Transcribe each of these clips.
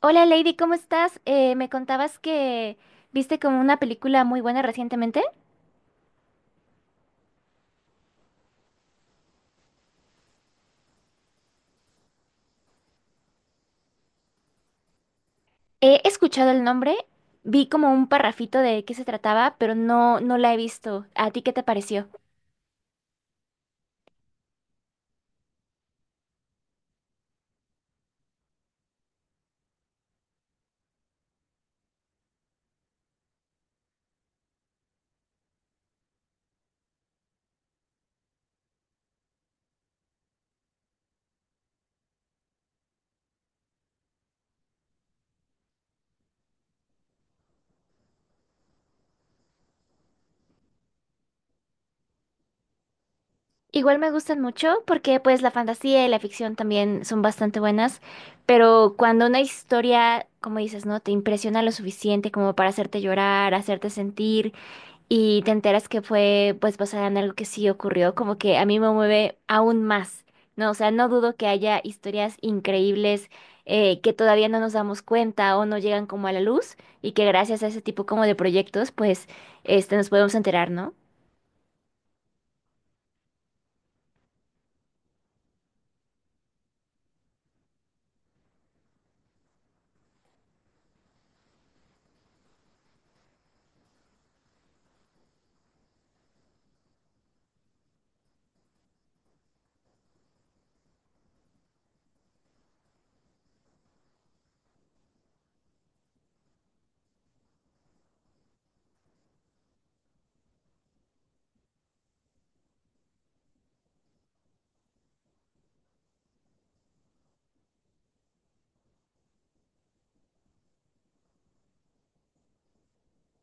Hola Lady, ¿cómo estás? Me contabas que viste como una película muy buena recientemente. He escuchado el nombre, vi como un parrafito de qué se trataba, pero no la he visto. ¿A ti qué te pareció? Igual me gustan mucho porque pues la fantasía y la ficción también son bastante buenas, pero cuando una historia, como dices, ¿no? Te impresiona lo suficiente como para hacerte llorar, hacerte sentir, y te enteras que fue pues basada en algo que sí ocurrió, como que a mí me mueve aún más, ¿no? O sea, no dudo que haya historias increíbles que todavía no nos damos cuenta o no llegan como a la luz, y que gracias a ese tipo como de proyectos pues este, nos podemos enterar, ¿no?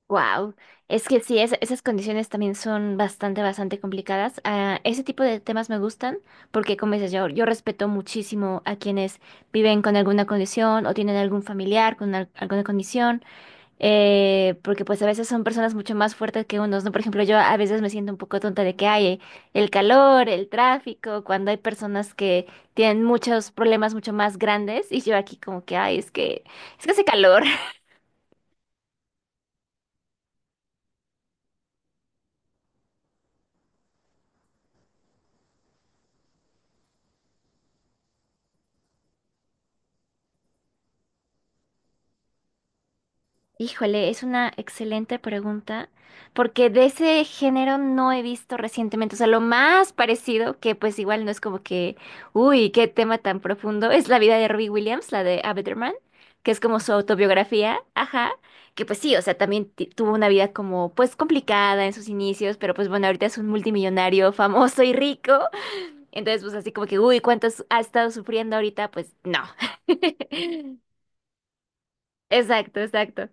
Wow, es que sí, esas condiciones también son bastante complicadas. Ah, ese tipo de temas me gustan porque, como dices, yo respeto muchísimo a quienes viven con alguna condición o tienen algún familiar con alguna condición, porque pues a veces son personas mucho más fuertes que unos, ¿no? Por ejemplo, yo a veces me siento un poco tonta de que hay el calor, el tráfico, cuando hay personas que tienen muchos problemas mucho más grandes y yo aquí como que, ay, es que hace calor. Híjole, es una excelente pregunta, porque de ese género no he visto recientemente, o sea, lo más parecido, que pues igual no es como que, uy, qué tema tan profundo, es la vida de Robbie Williams, la de A Better Man, que es como su autobiografía, ajá, que pues sí, o sea, también tuvo una vida como pues complicada en sus inicios, pero pues bueno, ahorita es un multimillonario famoso y rico, entonces pues así como que, uy, ¿cuántos ha estado sufriendo ahorita? Pues no. Exacto, exacto.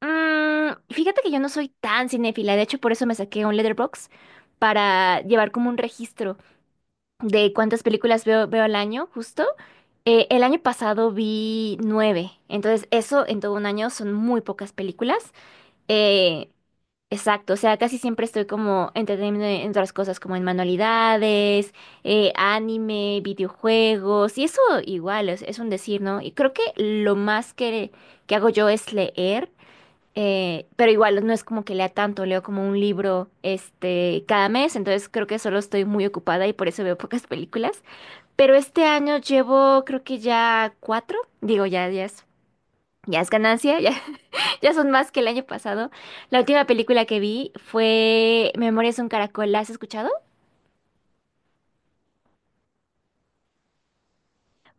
Fíjate que yo no soy tan cinéfila, de hecho por eso me saqué un Letterboxd para llevar como un registro de cuántas películas veo al año, justo. El año pasado vi 9, entonces eso en todo un año son muy pocas películas. Eh, exacto, o sea, casi siempre estoy como entreteniéndome en otras cosas como en manualidades, anime, videojuegos, y eso igual es un decir, ¿no? Y creo que lo más que hago yo es leer. Pero igual no es como que lea tanto, leo como un libro este cada mes, entonces creo que solo estoy muy ocupada y por eso veo pocas películas. Pero este año llevo creo que ya cuatro, digo ya, ya es ganancia, ya, ya son más que el año pasado. La última película que vi fue Memorias de un Caracol, ¿la has escuchado?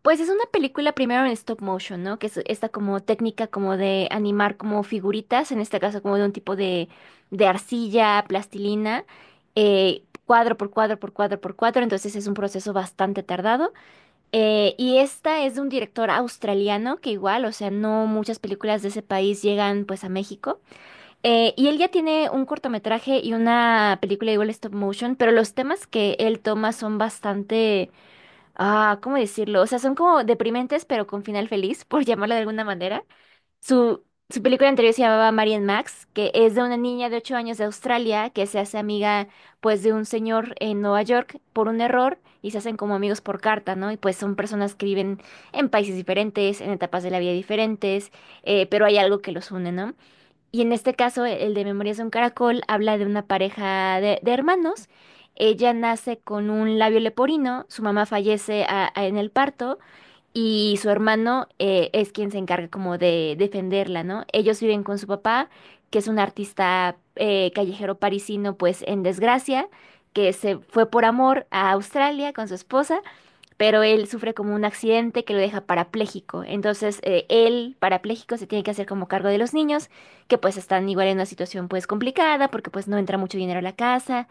Pues es una película primero en stop motion, ¿no? Que es esta como técnica como de animar como figuritas, en este caso como de un tipo de arcilla, plastilina, cuadro por cuadro por cuadro por cuadro, entonces es un proceso bastante tardado. Y esta es de un director australiano que igual, o sea, no muchas películas de ese país llegan pues a México. Y él ya tiene un cortometraje y una película igual stop motion, pero los temas que él toma son bastante. Ah, ¿cómo decirlo? O sea, son como deprimentes, pero con final feliz, por llamarlo de alguna manera. Su, Su película anterior se llamaba Marian Max, que es de una niña de 8 años de Australia que se hace amiga, pues, de un señor en Nueva York por un error y se hacen como amigos por carta, ¿no? Y pues son personas que viven en países diferentes, en etapas de la vida diferentes, pero hay algo que los une, ¿no? Y en este caso, e, el de Memorias de un Caracol habla de una pareja de hermanos. Ella nace con un labio leporino, su mamá fallece en el parto y su hermano es quien se encarga como de defenderla, ¿no? Ellos viven con su papá, que es un artista callejero parisino, pues en desgracia, que se fue por amor a Australia con su esposa, pero él sufre como un accidente que lo deja parapléjico. Entonces, él, parapléjico, se tiene que hacer como cargo de los niños, que pues están igual en una situación pues complicada, porque pues no entra mucho dinero a la casa.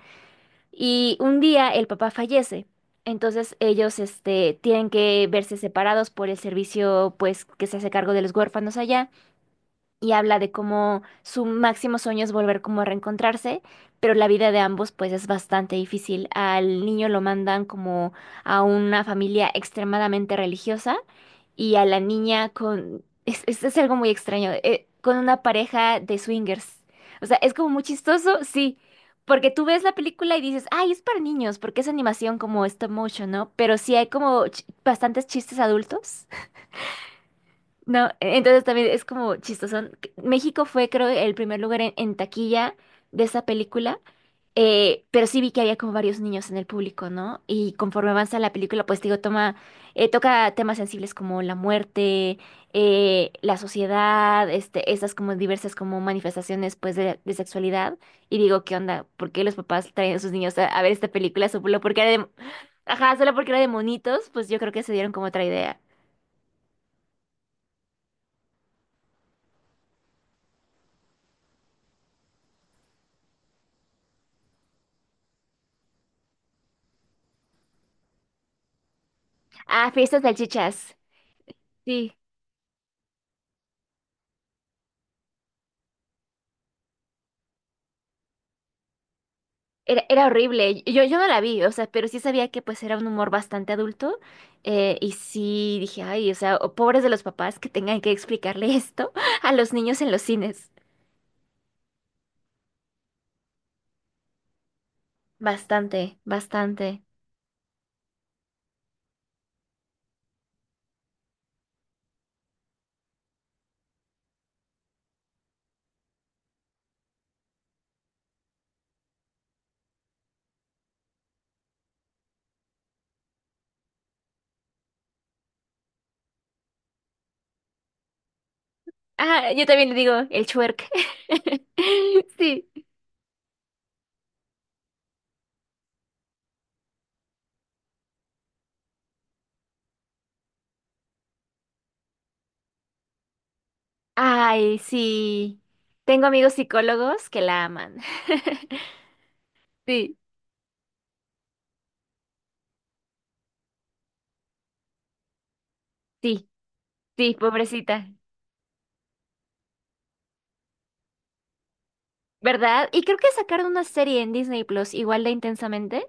Y un día el papá fallece. Entonces ellos este, tienen que verse separados por el servicio pues que se hace cargo de los huérfanos allá y habla de cómo su máximo sueño es volver como a reencontrarse, pero la vida de ambos pues es bastante difícil. Al niño lo mandan como a una familia extremadamente religiosa y a la niña con... Es algo muy extraño, con una pareja de swingers. O sea, es como muy chistoso, sí. Porque tú ves la película y dices, ay, es para niños, porque es animación como stop motion, ¿no? Pero sí hay como bastantes chistes adultos. No, entonces también es como chistoso. México fue, creo, el primer lugar en taquilla de esa película, pero sí vi que había como varios niños en el público, ¿no? Y conforme avanza la película, pues digo, toma, toca temas sensibles como la muerte, la sociedad, este, estas como diversas como manifestaciones, pues, de sexualidad. Y digo, ¿qué onda? ¿Por qué los papás traen a sus niños a ver esta película? Solo porque era de, ajá, solo porque era de monitos, pues yo creo que se dieron como otra idea. Ah, fiestas salchichas. Sí. Era horrible. Yo no la vi, o sea, pero sí sabía que pues era un humor bastante adulto, y sí dije, ay, o sea, o- pobres de los papás que tengan que explicarle esto a los niños en los cines. Bastante, bastante. Ah, yo también le digo el chuerk. Sí. Ay, sí. Tengo amigos psicólogos que la aman. Sí, sí, sí, pobrecita. ¿Verdad? Y creo que sacaron una serie en Disney Plus igual de Intensamente.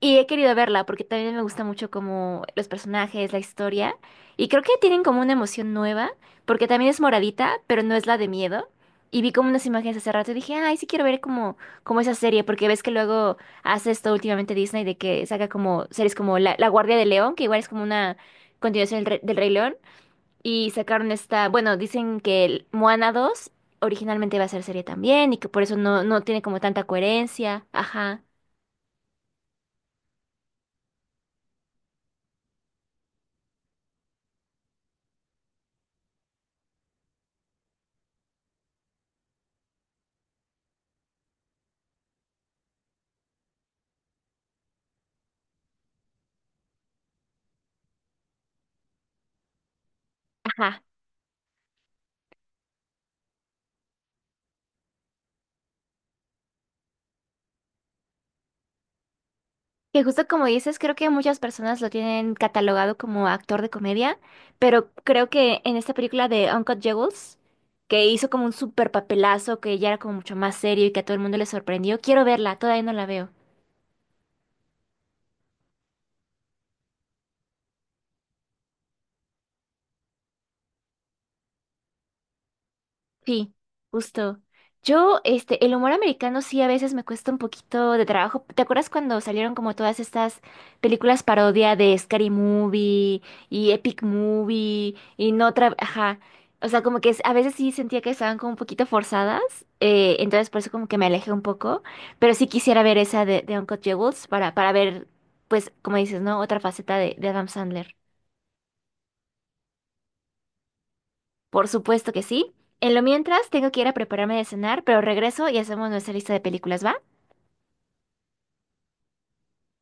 Y he querido verla porque también me gusta mucho como los personajes, la historia. Y creo que tienen como una emoción nueva, porque también es moradita, pero no es la de miedo. Y vi como unas imágenes hace rato y dije, ay, sí quiero ver como, como esa serie, porque ves que luego hace esto últimamente Disney de que saca como series como La Guardia de León, que igual es como una continuación del, del Rey León. Y sacaron esta, bueno, dicen que el Moana 2 originalmente iba a ser serie también y que por eso no tiene como tanta coherencia. Ajá. Ajá. Que justo como dices, creo que muchas personas lo tienen catalogado como actor de comedia, pero creo que en esta película de Uncut Jewels, que hizo como un super papelazo, que ya era como mucho más serio y que a todo el mundo le sorprendió, quiero verla, todavía no la veo. Sí, justo. Yo, este, el humor americano sí a veces me cuesta un poquito de trabajo. ¿Te acuerdas cuando salieron como todas estas películas parodia de Scary Movie y Epic Movie y no otra, ajá. O sea, como que a veces sí sentía que estaban como un poquito forzadas, entonces por eso como que me alejé un poco, pero sí quisiera ver esa de Uncut Jewels para ver, pues, como dices, ¿no? Otra faceta de Adam Sandler. Por supuesto que sí. En lo mientras, tengo que ir a prepararme de cenar, pero regreso y hacemos nuestra lista de películas, ¿va?